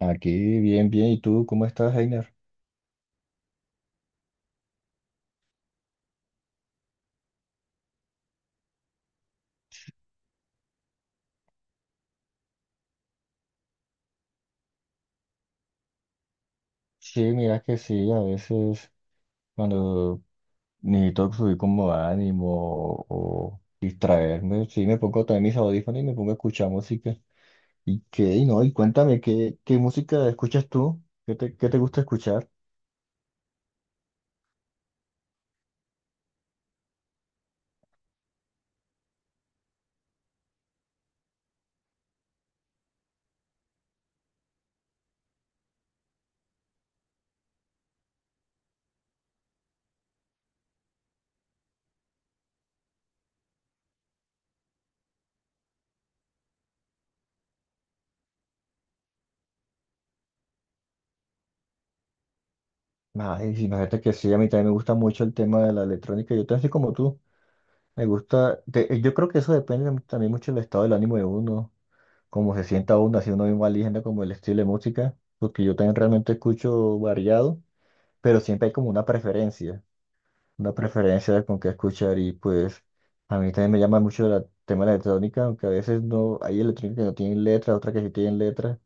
Aquí, bien, bien. ¿Y tú cómo estás, Heiner? Sí, mira que sí, a veces cuando necesito subir como ánimo o distraerme, sí me pongo también mis audífonos y me pongo a escuchar música. ¿Y qué? Y no, y cuéntame, ¿qué música escuchas tú? ¿Qué te gusta escuchar? Ay, sí, imagínate que sí, a mí también me gusta mucho el tema de la electrónica. Yo también soy como tú. Me gusta, yo creo que eso depende también mucho del estado del ánimo de uno, como se sienta uno, así uno mismo eligiendo como el estilo de música, porque yo también realmente escucho variado, pero siempre hay como una preferencia de con qué escuchar. Y pues a mí también me llama mucho la el tema de la electrónica, aunque a veces no, hay electrónica que no tienen letra, otras que sí tienen letra,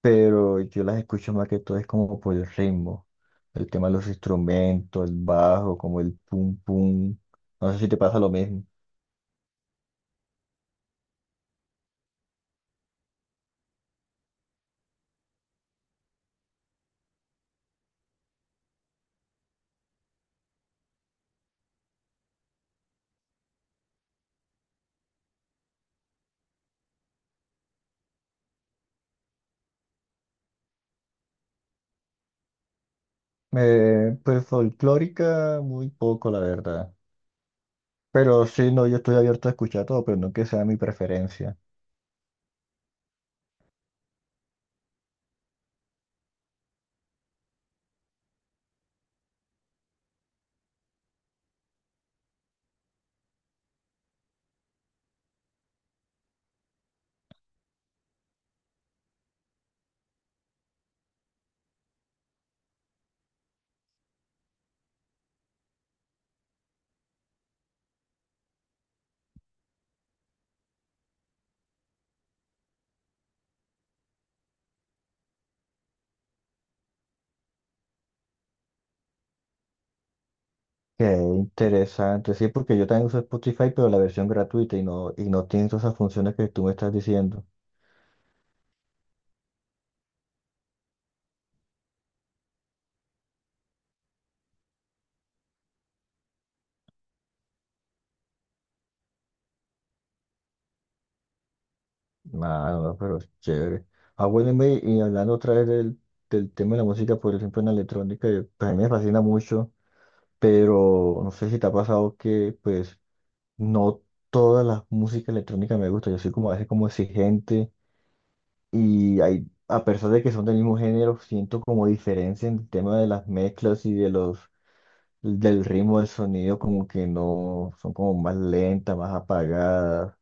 pero yo las escucho más que todo es como por el ritmo, el tema de los instrumentos, el bajo, como el pum pum, no sé si te pasa lo mismo. Pues folclórica muy poco, la verdad. Pero sí, no, yo estoy abierto a escuchar todo, pero no que sea mi preferencia. Qué interesante, sí, porque yo también uso Spotify, pero la versión gratuita y no tiene todas esas funciones que tú me estás diciendo. Ah, no, pero es chévere. Ah, bueno, y hablando otra vez del tema de la música, por ejemplo, en la electrónica, pues a mí me fascina mucho, pero no sé si te ha pasado que, pues, no todas las músicas electrónicas me gustan. Yo soy como a veces como exigente. Y hay, a pesar de que son del mismo género, siento como diferencia en el tema de las mezclas del ritmo del sonido, como que no, son como más lentas, más apagadas,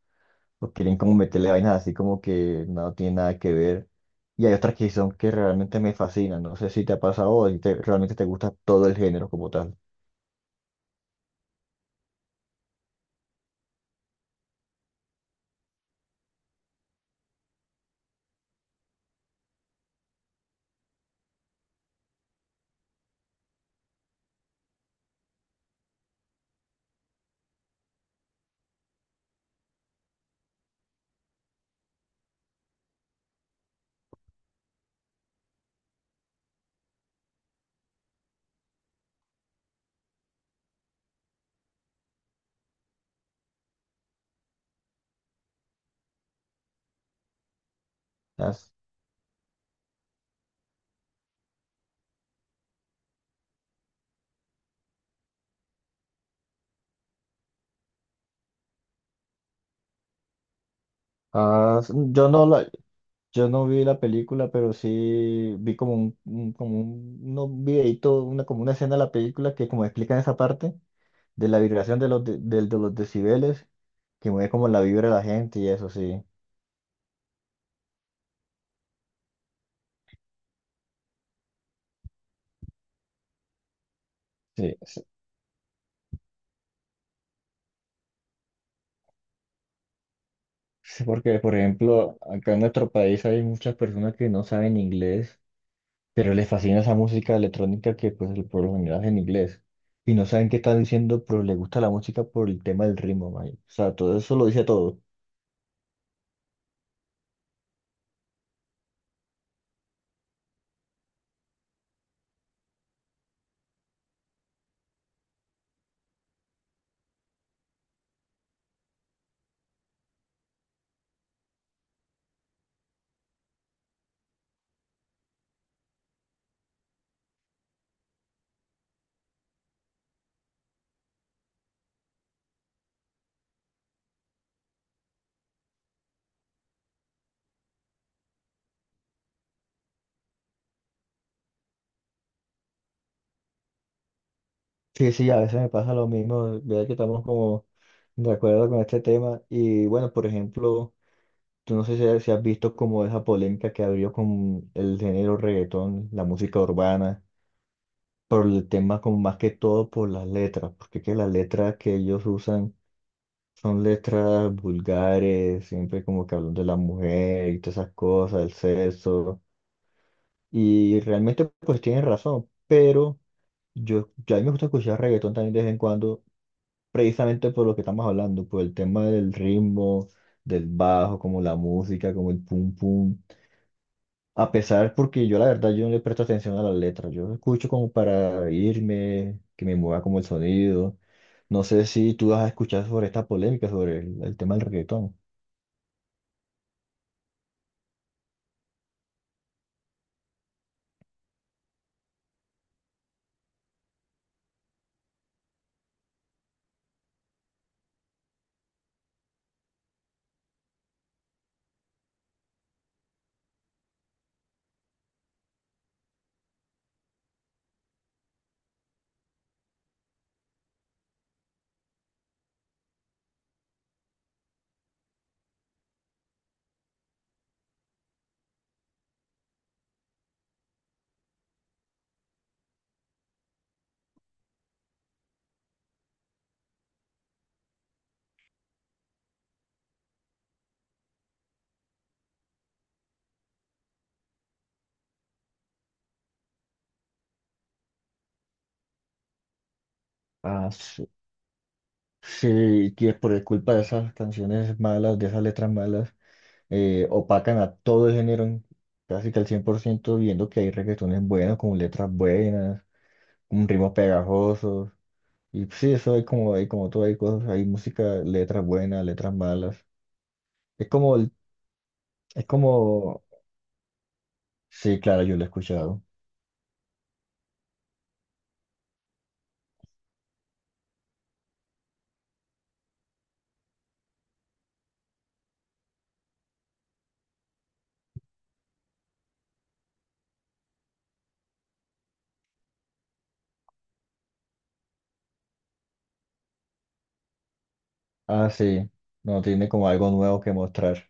o quieren como meterle vainas así como que no tiene nada que ver. Y hay otras que son que realmente me fascinan, no sé si te ha pasado o si te- realmente te gusta todo el género como tal. Has- yo no, yo no vi la película, pero sí vi como como un, no, un videíto, una, como una escena de la película que como explica esa parte de la vibración de los decibeles, que mueve como la vibra de la gente y eso sí. Sí, sí, sí, porque por ejemplo, acá en nuestro país hay muchas personas que no saben inglés, pero les fascina esa música electrónica que pues por lo general es en inglés. Y no saben qué están diciendo, pero les gusta la música por el tema del ritmo, man. O sea, todo eso lo dice todo. Sí, sí, a veces me pasa lo mismo, vea que estamos como de acuerdo con este tema. Y bueno, por ejemplo, tú no sé si, si has visto como esa polémica que abrió con el género reggaetón, la música urbana, por el tema como más que todo por las letras, porque que las letras que ellos usan son letras vulgares, siempre como que hablan de la mujer y todas esas cosas, el sexo. Y realmente pues tienen razón, pero yo a mí me gusta escuchar reggaetón también de vez en cuando precisamente por lo que estamos hablando, por el tema del ritmo, del bajo, como la música, como el pum pum. A pesar, porque yo la verdad yo no le presto atención a las letras, yo escucho como para irme, que me mueva como el sonido. No sé si tú has escuchado sobre esta polémica, sobre el tema del reggaetón. Ah, sí, sí, que por culpa de esas canciones malas, de esas letras malas, opacan a todo el género, casi que al 100% viendo que hay reggaetones buenos, con letras buenas un ritmos pegajosos. Y pues, sí, eso hay como todo, hay cosas, hay música, letras buenas, letras malas. Es como, es como, sí, claro, yo lo he escuchado. Ah, sí, no, tiene como algo nuevo que mostrar.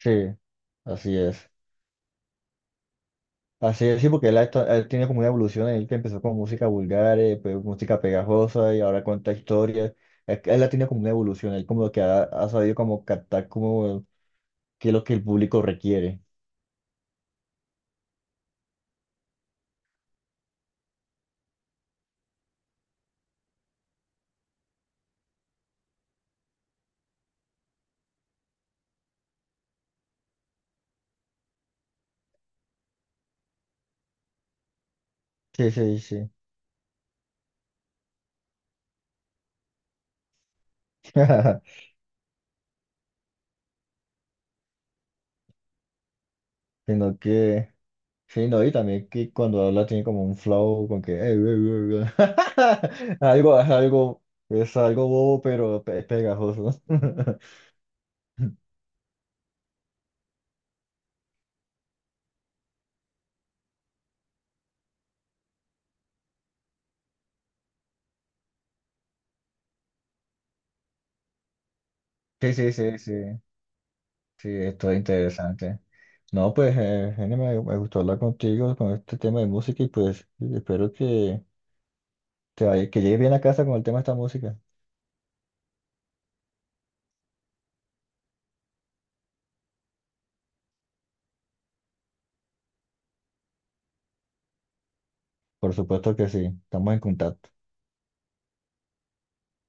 Sí, así es. Así es, sí, porque él, él tiene como una evolución, él que empezó con música vulgar, pues, música pegajosa y ahora cuenta historias. Él ha tenido como una evolución, él como que ha, ha sabido como captar como qué es lo que el público requiere. Sí, sí, sí. Sino que... Sí, no, y también que cuando habla tiene como un flow con que eh". Algo, es algo, es algo bobo, pero pegajoso. Sí, sí, sí, sí, sí, esto es interesante. No, pues, Jenny, me gustó hablar contigo con este tema de música y pues espero que te vaya, que llegues bien a casa con el tema de esta música. Por supuesto que sí, estamos en contacto.